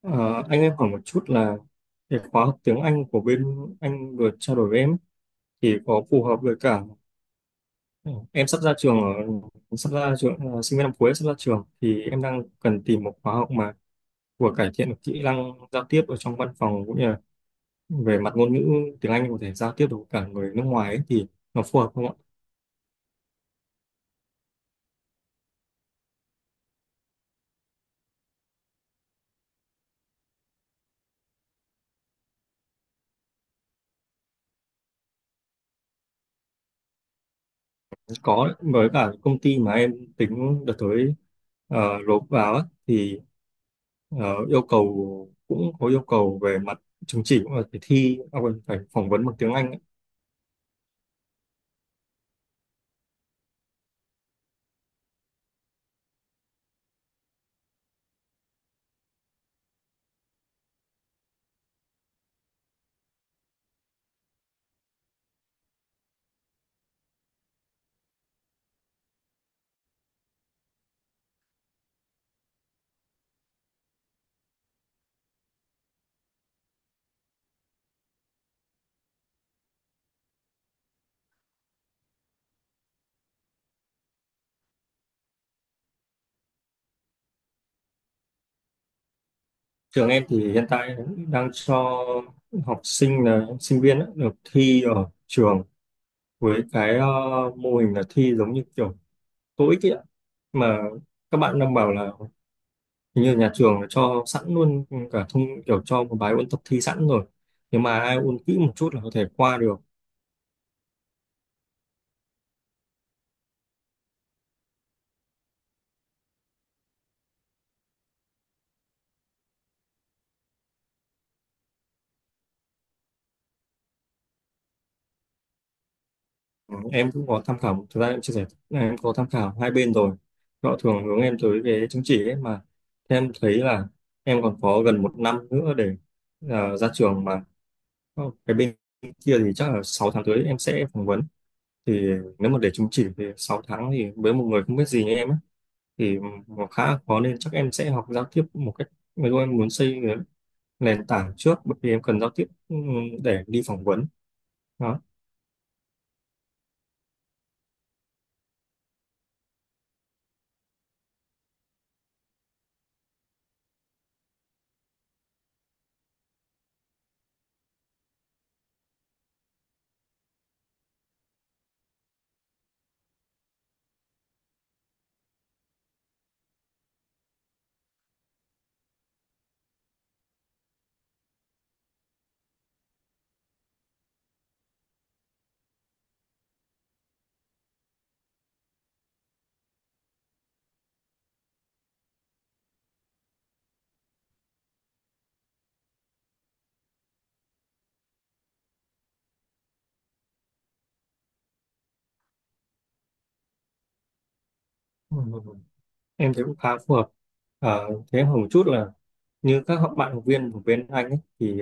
Ờ, anh, em hỏi một chút là cái khóa học tiếng Anh của bên anh vừa trao đổi với em ấy, thì có phù hợp với cả ừ, em sắp ra trường ở sắp ra trường ờ, sinh viên năm cuối sắp ra trường, thì em đang cần tìm một khóa học mà vừa cải thiện được kỹ năng giao tiếp ở trong văn phòng, cũng như là về mặt ngôn ngữ tiếng Anh có thể giao tiếp được với cả người nước ngoài ấy, thì nó phù hợp không ạ? Có, với cả công ty mà em tính đợt tới nộp vào á, thì Ờ, yêu cầu, cũng có yêu cầu về mặt chứng chỉ, cũng là phải thi à, quên, phải phỏng vấn bằng tiếng Anh ấy. Trường em thì hiện tại đang cho học sinh, là sinh viên ấy, được thi ở trường với cái mô hình là thi giống như kiểu TOEIC ấy ạ. Mà các bạn đang bảo là hình như nhà trường là cho sẵn luôn cả kiểu cho một bài ôn tập thi sẵn rồi, nhưng mà ai ôn kỹ một chút là có thể qua được. Ừ, em cũng có tham khảo. Thực ra em chia sẻ là em có tham khảo hai bên rồi, họ thường hướng em tới cái chứng chỉ ấy mà. Thế em thấy là em còn có gần một năm nữa để ra trường mà. Cái bên kia thì chắc là 6 tháng tới em sẽ phỏng vấn. Thì nếu mà để chứng chỉ thì 6 tháng, thì với một người không biết gì như em ấy thì nó khá là khó, nên chắc em sẽ học giao tiếp một cách ví dụ em muốn xây cái nền tảng trước, bởi vì em cần giao tiếp để đi phỏng vấn đó. Ừ. Em thấy cũng khá phù hợp. Thế em hỏi một chút là như các bạn học viên của bên anh ấy, thì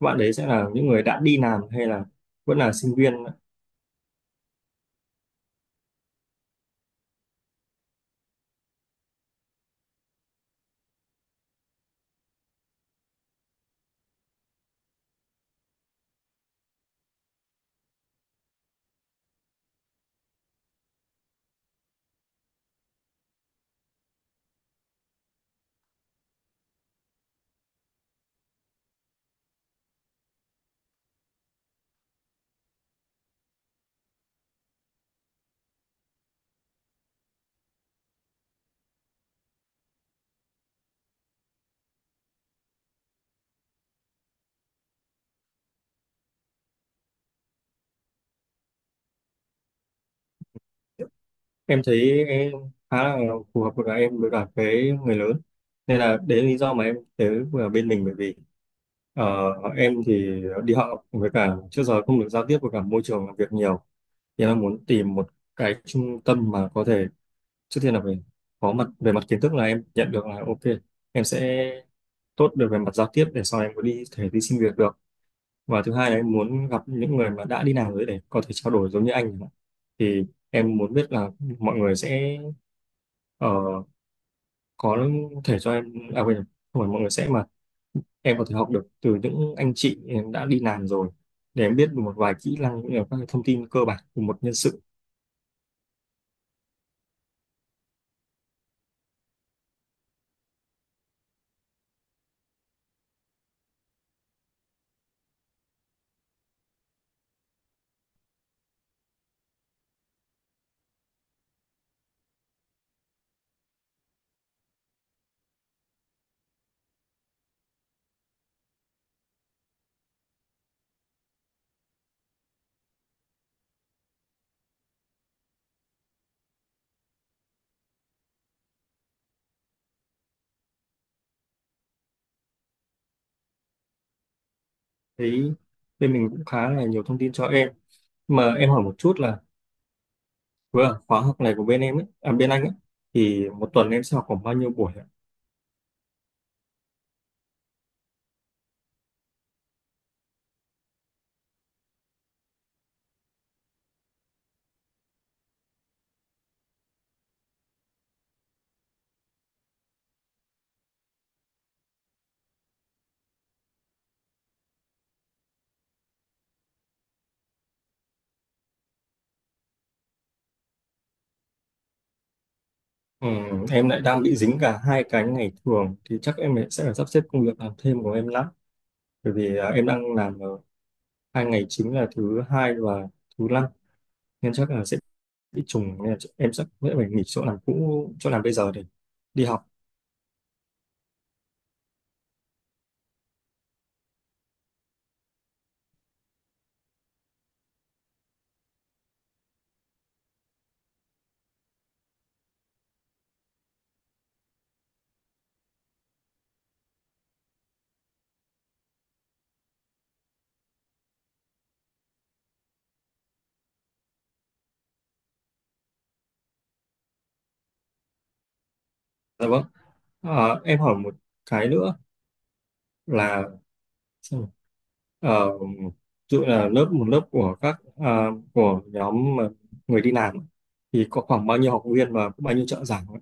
các bạn đấy sẽ là những người đã đi làm hay là vẫn là sinh viên? Em thấy khá là phù hợp với em, đối cả với người lớn, nên là đấy là lý do mà em tới vừa bên mình. Bởi vì ờ, em thì đi học với cả trước giờ không được giao tiếp với cả môi trường làm việc nhiều, thì em muốn tìm một cái trung tâm mà có thể trước tiên là về có mặt về mặt kiến thức là em nhận được là ok, em sẽ tốt được về mặt giao tiếp để sau này em có thể đi xin việc được. Và thứ hai là em muốn gặp những người mà đã đi làm rồi để có thể trao đổi giống như anh chẳng hạn. Thì em muốn biết là mọi người sẽ ờ, có thể cho em, à quên, không phải mọi người sẽ, mà em có thể học được từ những anh chị em đã đi làm rồi, để em biết được một vài kỹ năng cũng như là các cái thông tin cơ bản của một nhân sự. Thấy bên mình cũng khá là nhiều thông tin cho em. Mà em hỏi một chút là vừa khóa học này của bên em ấy, à, bên anh ấy, thì một tuần em sẽ học khoảng bao nhiêu buổi? Em lại đang bị dính cả hai cái ngày thường, thì chắc em sẽ phải sắp xếp công việc làm thêm của em lắm, bởi vì em đang làm ở 2 ngày chính là thứ hai và thứ năm, nên chắc là sẽ bị trùng, nên là em sẽ phải nghỉ chỗ làm cũ, chỗ làm bây giờ, để đi học. Dạ vâng. À, em hỏi một cái nữa là, xem nào, ví dụ là một lớp của của nhóm mà người đi làm ấy, thì có khoảng bao nhiêu học viên và có bao nhiêu trợ giảng ạ?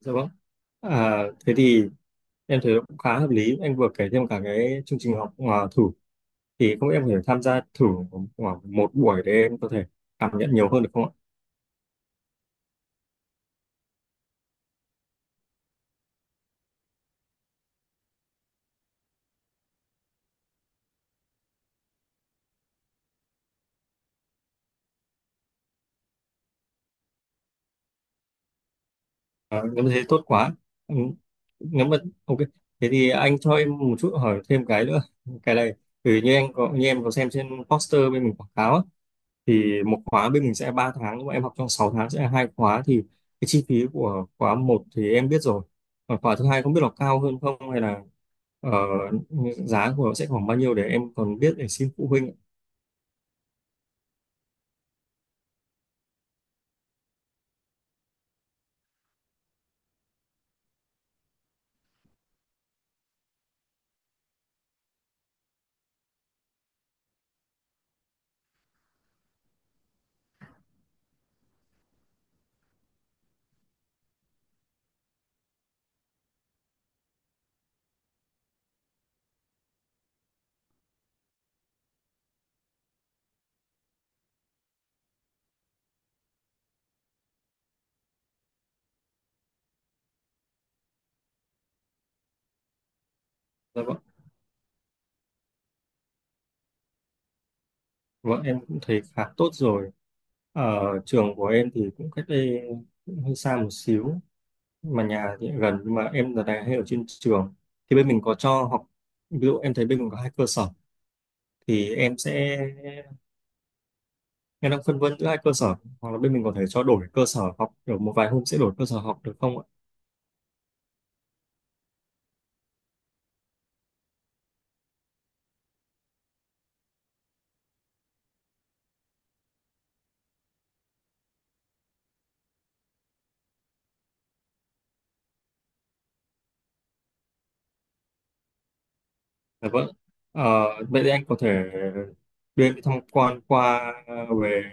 Dạ vâng. À, thế thì em thấy cũng khá hợp lý. Anh vừa kể thêm cả cái chương trình học thử, thì không biết em có thể tham gia thử khoảng một buổi để em có thể cảm nhận nhiều hơn được không ạ? À, nếu mà thế tốt quá. Ừ. Nếu mà ok, thế thì anh cho em một chút hỏi thêm cái nữa. Cái này thì như em có xem trên poster bên mình quảng cáo á, thì một khóa bên mình sẽ 3 tháng, mà em học trong 6 tháng sẽ là hai khóa, thì cái chi phí của khóa một thì em biết rồi, còn khóa thứ hai không biết là cao hơn không, hay là ờ, giá của nó sẽ khoảng bao nhiêu, để em còn biết để xin phụ huynh. Dạ vâng. Vâng, em cũng thấy khá tốt rồi. Ở trường của em thì cũng cách đây cũng hơi xa một xíu, mà nhà thì gần, nhưng mà em giờ này hay ở trên trường, thì bên mình có cho học, ví dụ em thấy bên mình có hai cơ sở, thì em sẽ em đang phân vân giữa hai cơ sở, hoặc là bên mình có thể cho đổi cơ sở học kiểu một vài hôm sẽ đổi cơ sở học được không ạ? Dạ vâng. Ờ, Vậy thì anh có thể đưa em đi tham quan về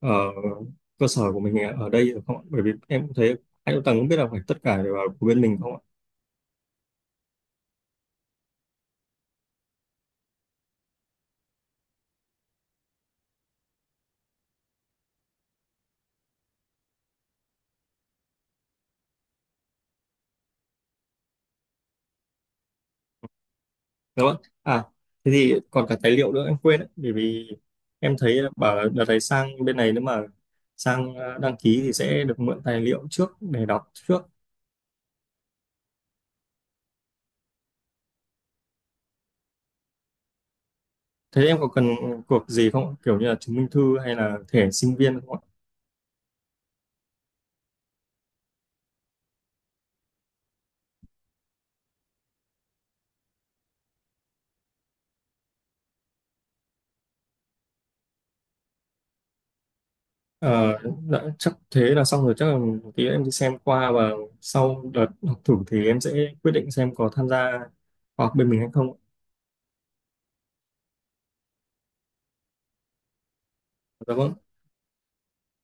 ờ, cơ sở của mình ở đây được không ạ? Bởi vì em cũng thấy anh cũng không biết là phải tất cả đều là của bên mình không ạ? Dạ vâng. À, thế thì còn cả tài liệu nữa em quên đấy, bởi vì em thấy bảo là đợt này sang bên này, nếu mà sang đăng ký thì sẽ được mượn tài liệu trước để đọc trước. Thế em có cần cuộc gì không? Kiểu như là chứng minh thư hay là thẻ sinh viên không ạ? Ờ, dạ, chắc thế là xong rồi. Chắc là một tí em đi xem qua và sau đợt học thử thì em sẽ quyết định xem có tham gia khóa học bên mình hay không. Dạ vâng.